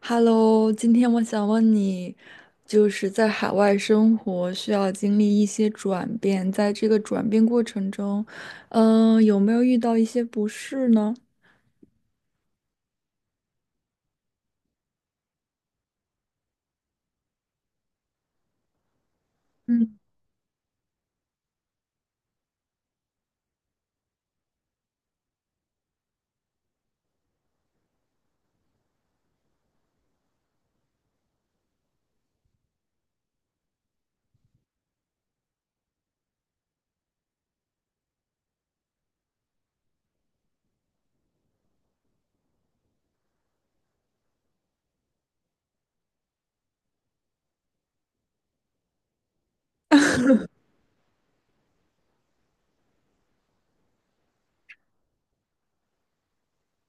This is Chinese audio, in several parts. Hello，今天我想问你，就是在海外生活需要经历一些转变，在这个转变过程中，有没有遇到一些不适呢？嗯，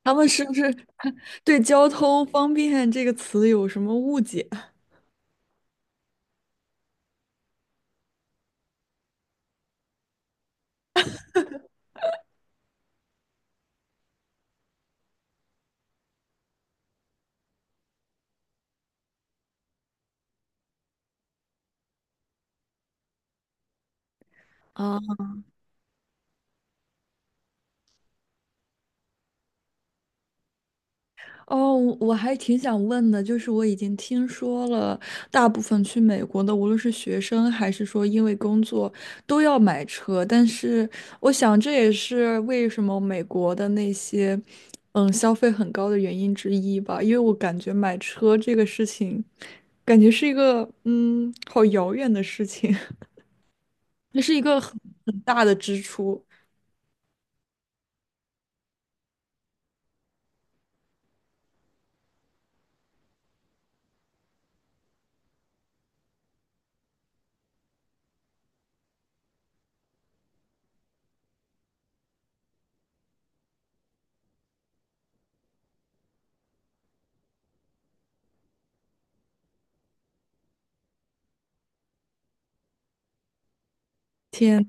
他们是不是 对交通方便这个词有什么误解啊？哦，我还挺想问的，就是我已经听说了，大部分去美国的，无论是学生还是说因为工作，都要买车。但是我想，这也是为什么美国的那些，消费很高的原因之一吧。因为我感觉买车这个事情，感觉是一个好遥远的事情，那是一个很大的支出。天。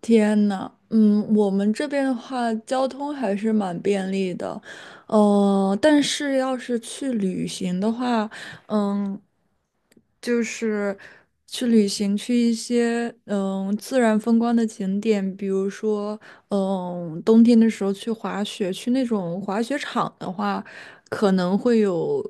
天呐，嗯，我们这边的话，交通还是蛮便利的，但是要是去旅行的话，嗯，就是去旅行去一些自然风光的景点，比如说冬天的时候去滑雪，去那种滑雪场的话，可能会有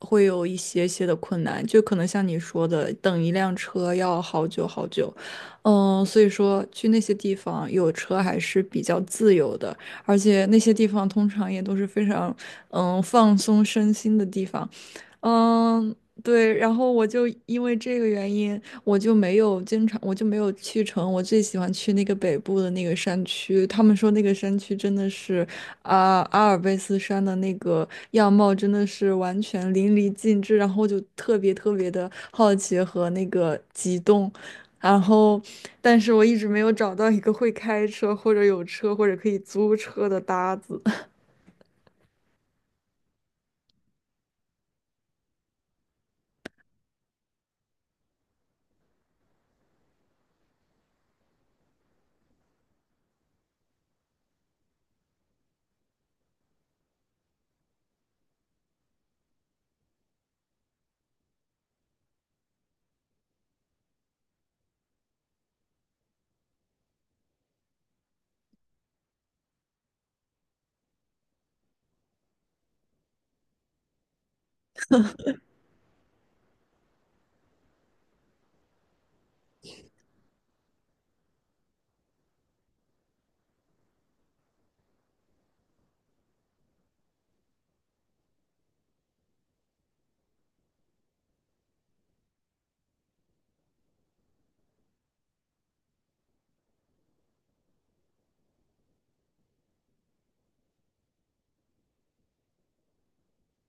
会有一些些的困难，就可能像你说的，等一辆车要好久好久。嗯，所以说去那些地方有车还是比较自由的，而且那些地方通常也都是非常放松身心的地方。嗯，对，然后我就因为这个原因，我就没有去成我最喜欢去那个北部的那个山区。他们说那个山区真的是啊，阿尔卑斯山的那个样貌真的是完全淋漓尽致，然后就特别特别的好奇和那个激动。然后，但是我一直没有找到一个会开车或者有车或者可以租车的搭子。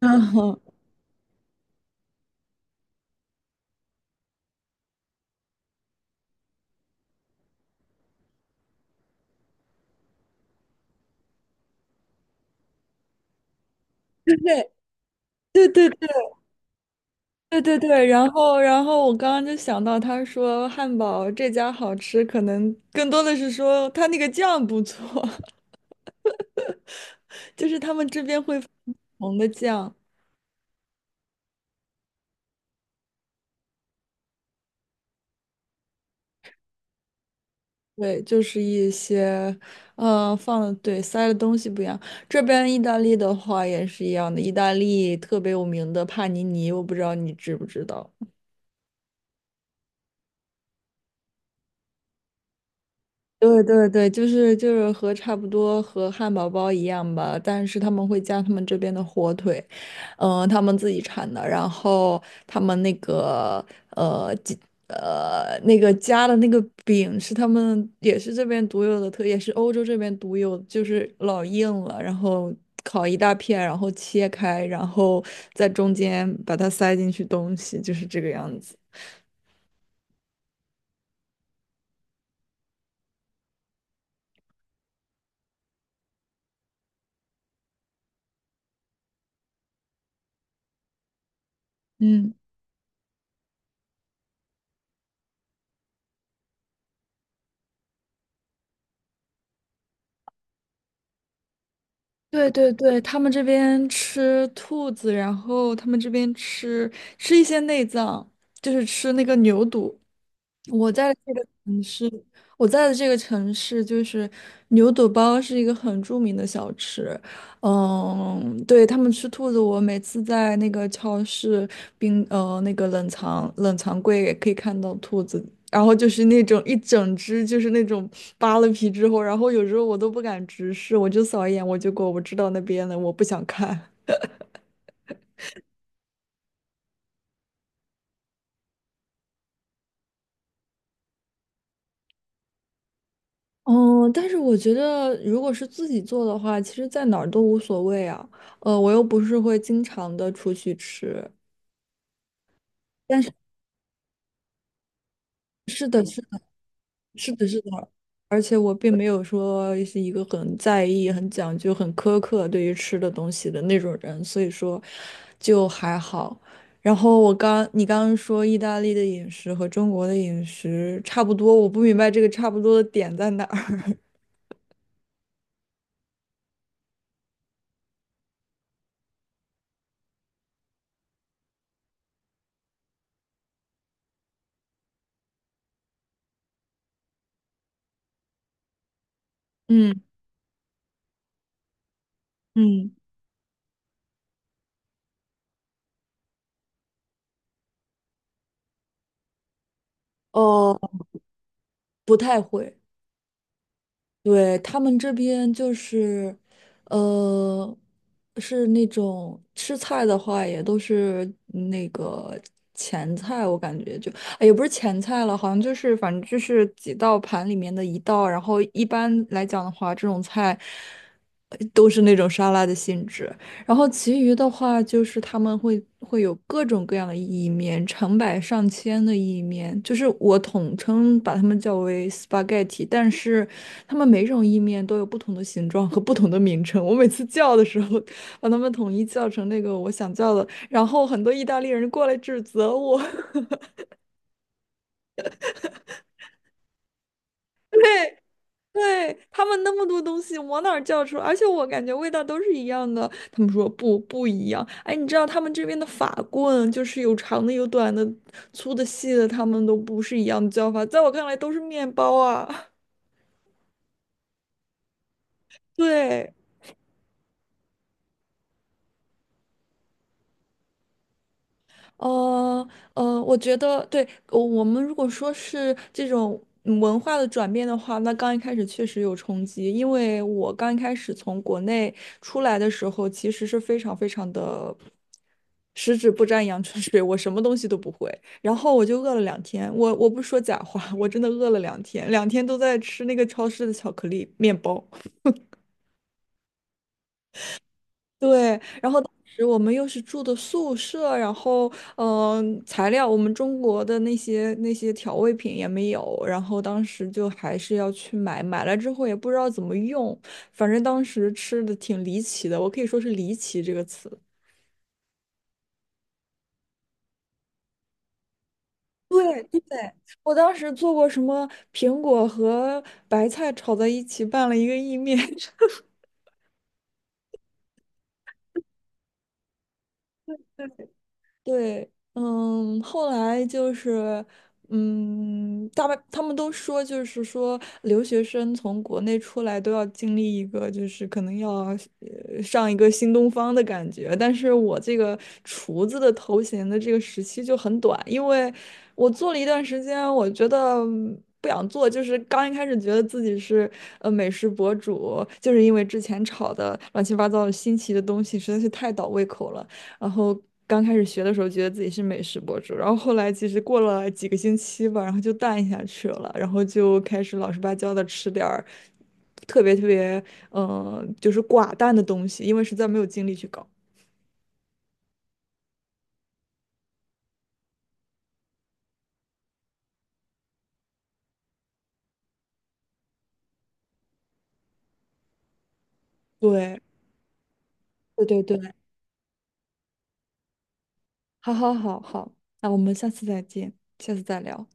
嗯，对对对对对对，然后我刚刚就想到，他说汉堡这家好吃，可能更多的是说他那个酱不错，就是他们这边会放不同的酱，对，就是一些，嗯、放的对塞的东西不一样。这边意大利的话也是一样的，意大利特别有名的帕尼尼，我不知道你知不知道。对对对，就是就是和差不多和汉堡包一样吧，但是他们会加他们这边的火腿，嗯、他们自己产的，然后他们那个呃鸡那个加的那个饼是他们也是这边独有的特，也是欧洲这边独有，就是老硬了，然后烤一大片，然后切开，然后在中间把它塞进去东西，就是这个样子。嗯。对对对，他们这边吃兔子，然后他们这边吃一些内脏，就是吃那个牛肚。我在的这个城市，我在的这个城市就是牛肚包是一个很著名的小吃。嗯，对，他们吃兔子，我每次在那个超市那个冷藏柜也可以看到兔子，然后就是那种一整只，就是那种扒了皮之后，然后有时候我都不敢直视，我就扫一眼我就过，我知道那边了，我不想看。哦，但是我觉得，如果是自己做的话，其实在哪儿都无所谓啊。呃，我又不是会经常的出去吃，但是是的，是的，是的，是的，而且我并没有说是一个很在意、很讲究、很苛刻对于吃的东西的那种人，所以说就还好。然后我刚，你刚刚说意大利的饮食和中国的饮食差不多，我不明白这个差不多的点在哪儿。嗯嗯，哦，不太会。对，他们这边就是，呃，是那种吃菜的话，也都是那个前菜，我感觉就，哎也不是前菜了，好像就是反正就是几道盘里面的一道，然后一般来讲的话，这种菜都是那种沙拉的性质。然后其余的话就是他们会有各种各样的意面，成百上千的意面，就是我统称把它们叫为 spaghetti，但是他们每种意面都有不同的形状和不同的名称。我每次叫的时候，把它们统一叫成那个我想叫的，然后很多意大利人过来指责我。对，他们那么多东西往哪儿叫出来？而且我感觉味道都是一样的。他们说不一样。哎，你知道他们这边的法棍就是有长的、有短的、粗的、细的，他们都不是一样的叫法。在我看来都是面包啊。对，呃我觉得对，我们如果说是这种文化的转变的话，那刚一开始确实有冲击，因为我刚一开始从国内出来的时候，其实是非常非常的十指不沾阳春水，我什么东西都不会，然后我就饿了两天，我不说假话，我真的饿了两天，两天都在吃那个超市的巧克力面包。对，我们又是住的宿舍，然后嗯、呃材料我们中国的那些调味品也没有，然后当时就还是要去买，买了之后也不知道怎么用，反正当时吃的挺离奇的，我可以说是离奇这个词。对对，我当时做过什么苹果和白菜炒在一起拌了一个意面。对，嗯，后来就是，嗯，大半他们都说，就是说留学生从国内出来都要经历一个，就是可能要上一个新东方的感觉。但是我这个厨子的头衔的这个时期就很短，因为我做了一段时间，我觉得。嗯不想做，就是刚一开始觉得自己是美食博主，就是因为之前炒的乱七八糟的新奇的东西实在是太倒胃口了。然后刚开始学的时候，觉得自己是美食博主，然后后来其实过了几个星期吧，然后就淡下去了，然后就开始老实巴交的吃点儿特别特别，嗯、就是寡淡的东西，因为实在没有精力去搞。对，对对对，好好好好，那我们下次再见，下次再聊。